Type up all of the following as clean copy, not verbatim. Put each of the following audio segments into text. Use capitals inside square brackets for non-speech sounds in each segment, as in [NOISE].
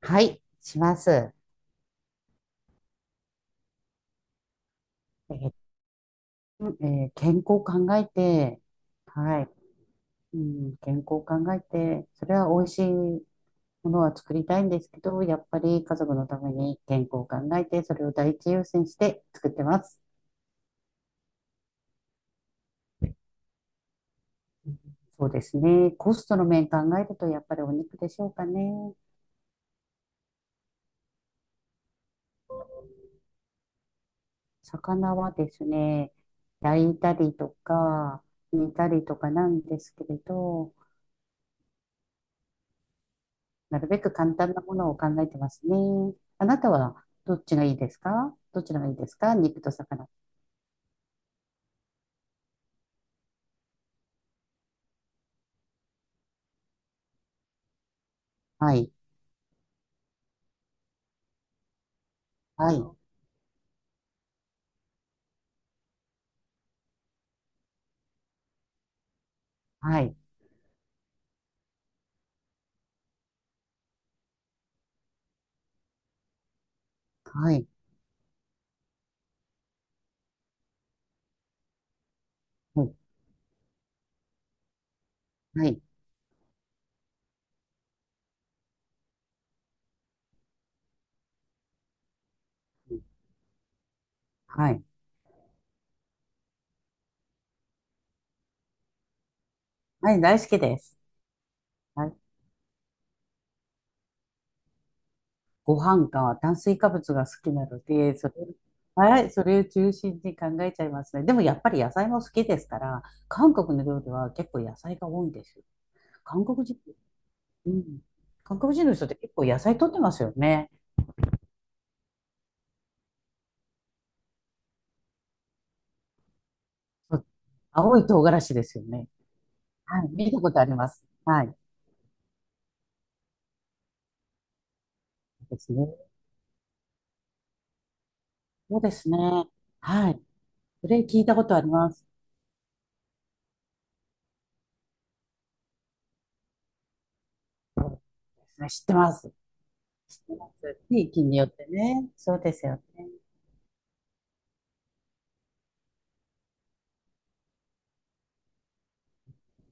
はい、します。ー健康を考えて、はい、うん、健康を考えて、それは美味しいものは作りたいんですけど、やっぱり家族のために健康を考えて、それを第一優先して作ってます。そうですね。コストの面考えると、やっぱりお肉でしょうかね。魚はですね、焼いたりとか、煮たりとかなんですけれど、なるべく簡単なものを考えてますね。あなたはどっちがいいですか？どちらがいいですか？肉と魚。はい。はい。はい。はい。はい。はい。はい。はい。大好きです。はい。ご飯か炭水化物が好きなので、はい。それを中心に考えちゃいますね。でもやっぱり野菜も好きですから、韓国の料理は結構野菜が多いんですよ。韓国人、うん。韓国人の人って結構野菜取ってますよね。そう。青い唐辛子ですよね。はい、見たことあります。はい。そうですね。そうですね。はい。それ聞いたことあります。知ってます。知ってます。地域によってね。そうですよね。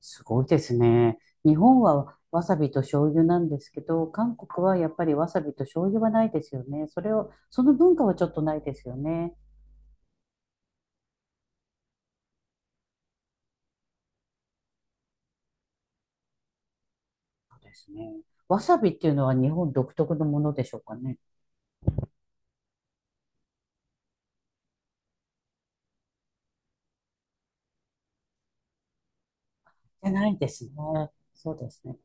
すごいですね。日本はわさびと醤油なんですけど、韓国はやっぱりわさびと醤油はないですよね。それを、その文化はちょっとないですよね。そうですね。わさびっていうのは日本独特のものでしょうかね。じゃないですね。そうですね。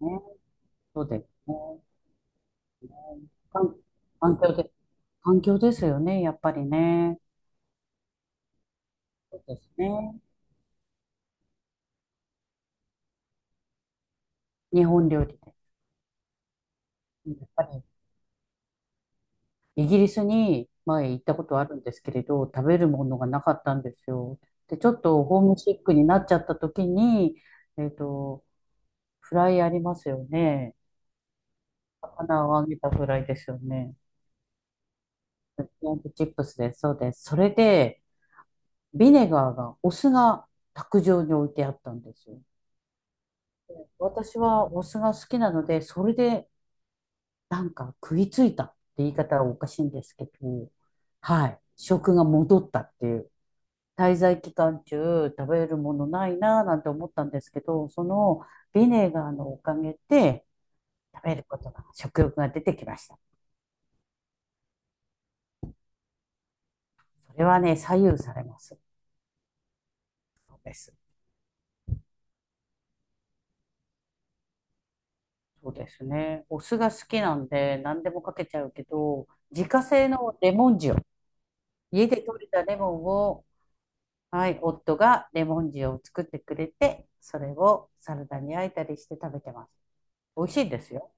ね、そうですね。環環境です。環境ですよね、やっぱりね。そうですね。日本料理で。やっぱり、イギリスに前行ったことあるんですけれど、食べるものがなかったんですよ。で、ちょっとホームシックになっちゃった時に、えっと、フライありますよね。魚を揚げたフライですよね。ポンプチップスです。そうです。それで、ビネガーが、お酢が卓上に置いてあったんですよ。私はお酢が好きなので、それでなんか食いついたって言い方はおかしいんですけど、はい、食が戻ったっていう。滞在期間中食べるものないなぁなんて思ったんですけど、そのビネガーのおかげで食べることが、食欲が出てきました。それはね、左右されます。そうです。そうですね。お酢が好きなんで何でもかけちゃうけど、自家製のレモン塩。家で採れたレモンをはい、夫がレモン塩を作ってくれて、それをサラダに焼いたりして食べてます。美味しいですよ。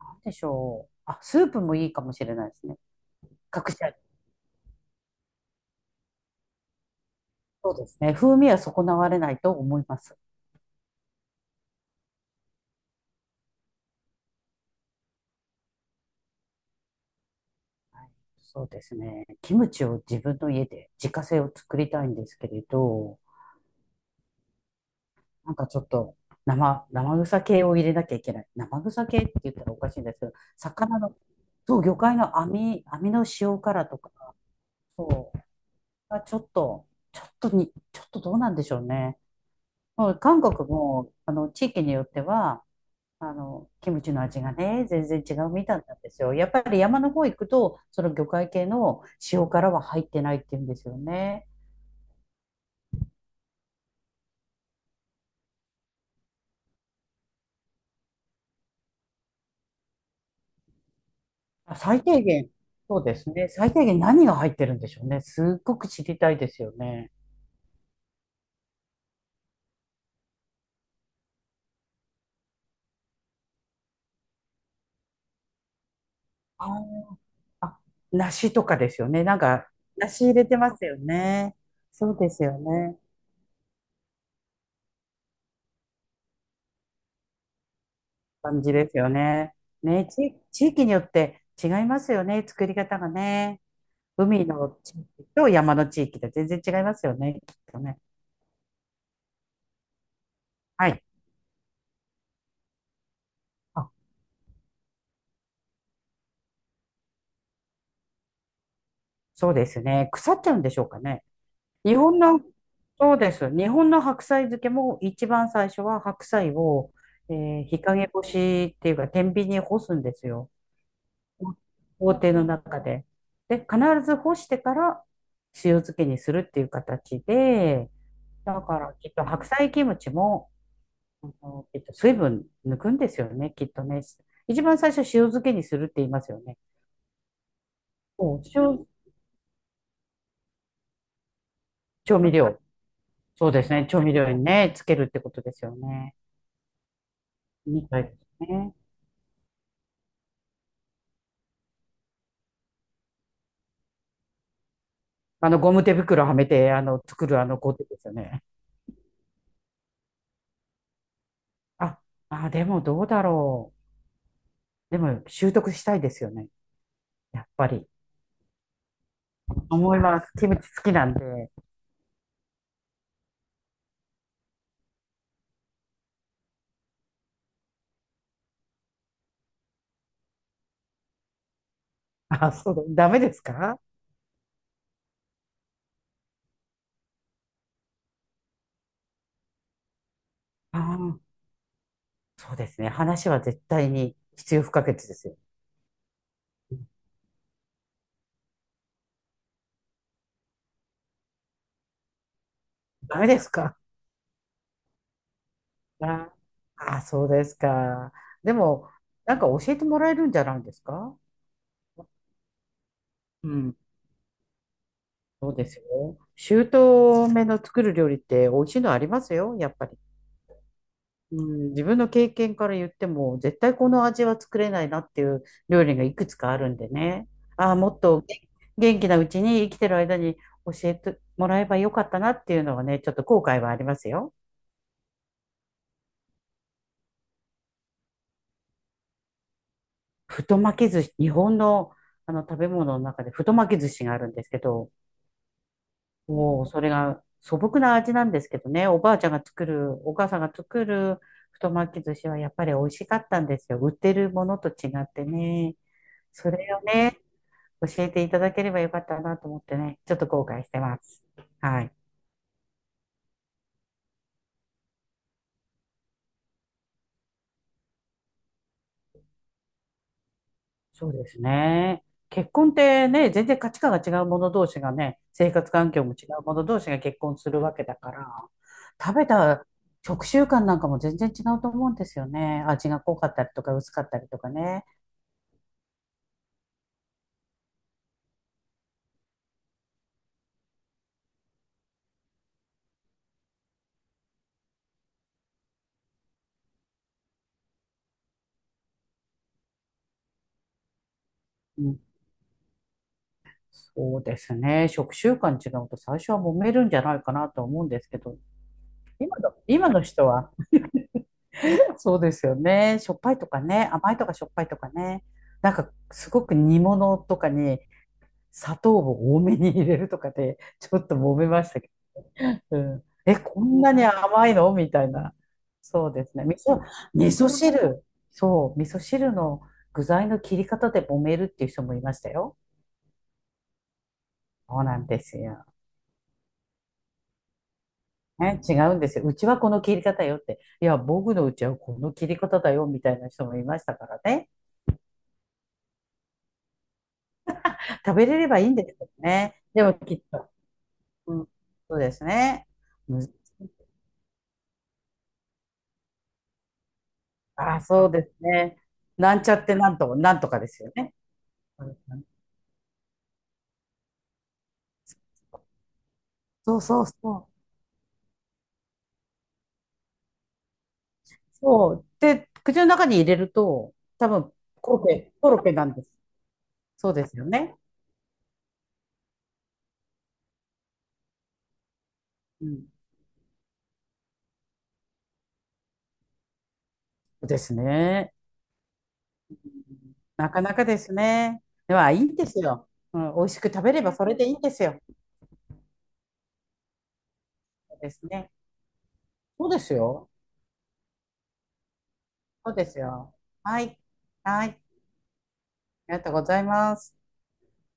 なんでしょう。あ、スープもいいかもしれないですね。隠し味。そうですね。風味は損なわれないと思います。はい、そうですね。キムチを自分の家で自家製を作りたいんですけれど、なんかちょっと生臭系を入れなきゃいけない。生臭系って言ったらおかしいんですけど、魚の、そう、魚介の網の塩辛とか、そう。あちょっと、ちょっとどうなんでしょうね。もう韓国も、地域によっては、キムチの味がね、全然違うみたいなんですよ。やっぱり山の方行くと、その魚介系の塩辛は入ってないって言うんですよね。あ最低限、そうですね。最低限何が入ってるんでしょうね。すっごく知りたいですよね。あー、あ梨とかですよね。なんか、梨入れてますよね。そうですよね。感じですよね。ね、地域によって違いますよね、作り方がね。海の地域と山の地域で全然違いますよね、きっとね。はい。あ、そうですね。腐っちゃうんでしょうかね。日本の、そうです。日本の白菜漬けも一番最初は白菜を、日陰干しっていうか天秤に干すんですよ。工程の中で。で、必ず干してから塩漬けにするっていう形で、だからきっと白菜キムチも、きっと水分抜くんですよね、きっとね。一番最初塩漬けにするって言いますよね。そう。塩、調味料。そうですね、調味料にね、つけるってことですよね。みたいですね。ゴム手袋はめて、作るあの工程ですよね。あ、でもどうだろう。でも習得したいですよね。やっぱり。思います。キムチ好きなんで。あ、そう、ダメですか？ああー、そうですね。話は絶対に必要不可欠ですよ。ダメですか？ああそうですか。でも、なんか教えてもらえるんじゃないですか？うん。そうですよ。姑の作る料理って美味しいのありますよ、やっぱり。うん、自分の経験から言っても、絶対この味は作れないなっていう料理がいくつかあるんでね。ああ、もっと元気なうちに生きてる間に教えてもらえばよかったなっていうのはね、ちょっと後悔はありますよ。太巻き寿司、日本の、あの食べ物の中で太巻き寿司があるんですけど、もうそれが素朴な味なんですけどね、おばあちゃんが作る、お母さんが作る太巻き寿司はやっぱり美味しかったんですよ。売ってるものと違ってね。それをね、教えていただければよかったなと思ってね、ちょっと後悔してます。はい。そうですね。結婚ってね、全然価値観が違う者同士がね、生活環境も違う者同士が結婚するわけだから、食べた食習慣なんかも全然違うと思うんですよね。味が濃かったりとか薄かったりとかね。そうですね。食習慣違うと最初は揉めるんじゃないかなと思うんですけど、今の人は [LAUGHS] そうですよね。しょっぱいとかね、甘いとかしょっぱいとかね。なんかすごく煮物とかに砂糖を多めに入れるとかで、ちょっと揉めましたけど、うん、え、こんなに甘いのみたいな。そうですね。味噌汁。そう、味噌汁の具材の切り方で揉めるっていう人もいましたよ。そうなんですよ。ね、違うんですよ。うちはこの切り方よって。いや、僕のうちはこの切り方だよみたいな人もいましたからね。食べれればいいんですけどね。でもきっと、うん、そうですね。むずあ、そうですね。なんちゃってなんとかですよね。うん、そうそうそう。そう。で、口の中に入れると、多分、コロッケなんです。そうですよね。うん。ですね。なかなかですね。では、いいんですよ。うん、美味しく食べればそれでいいんですよ。ですね。そうですよ。そうですよ。はい。はい。ありがとうございます。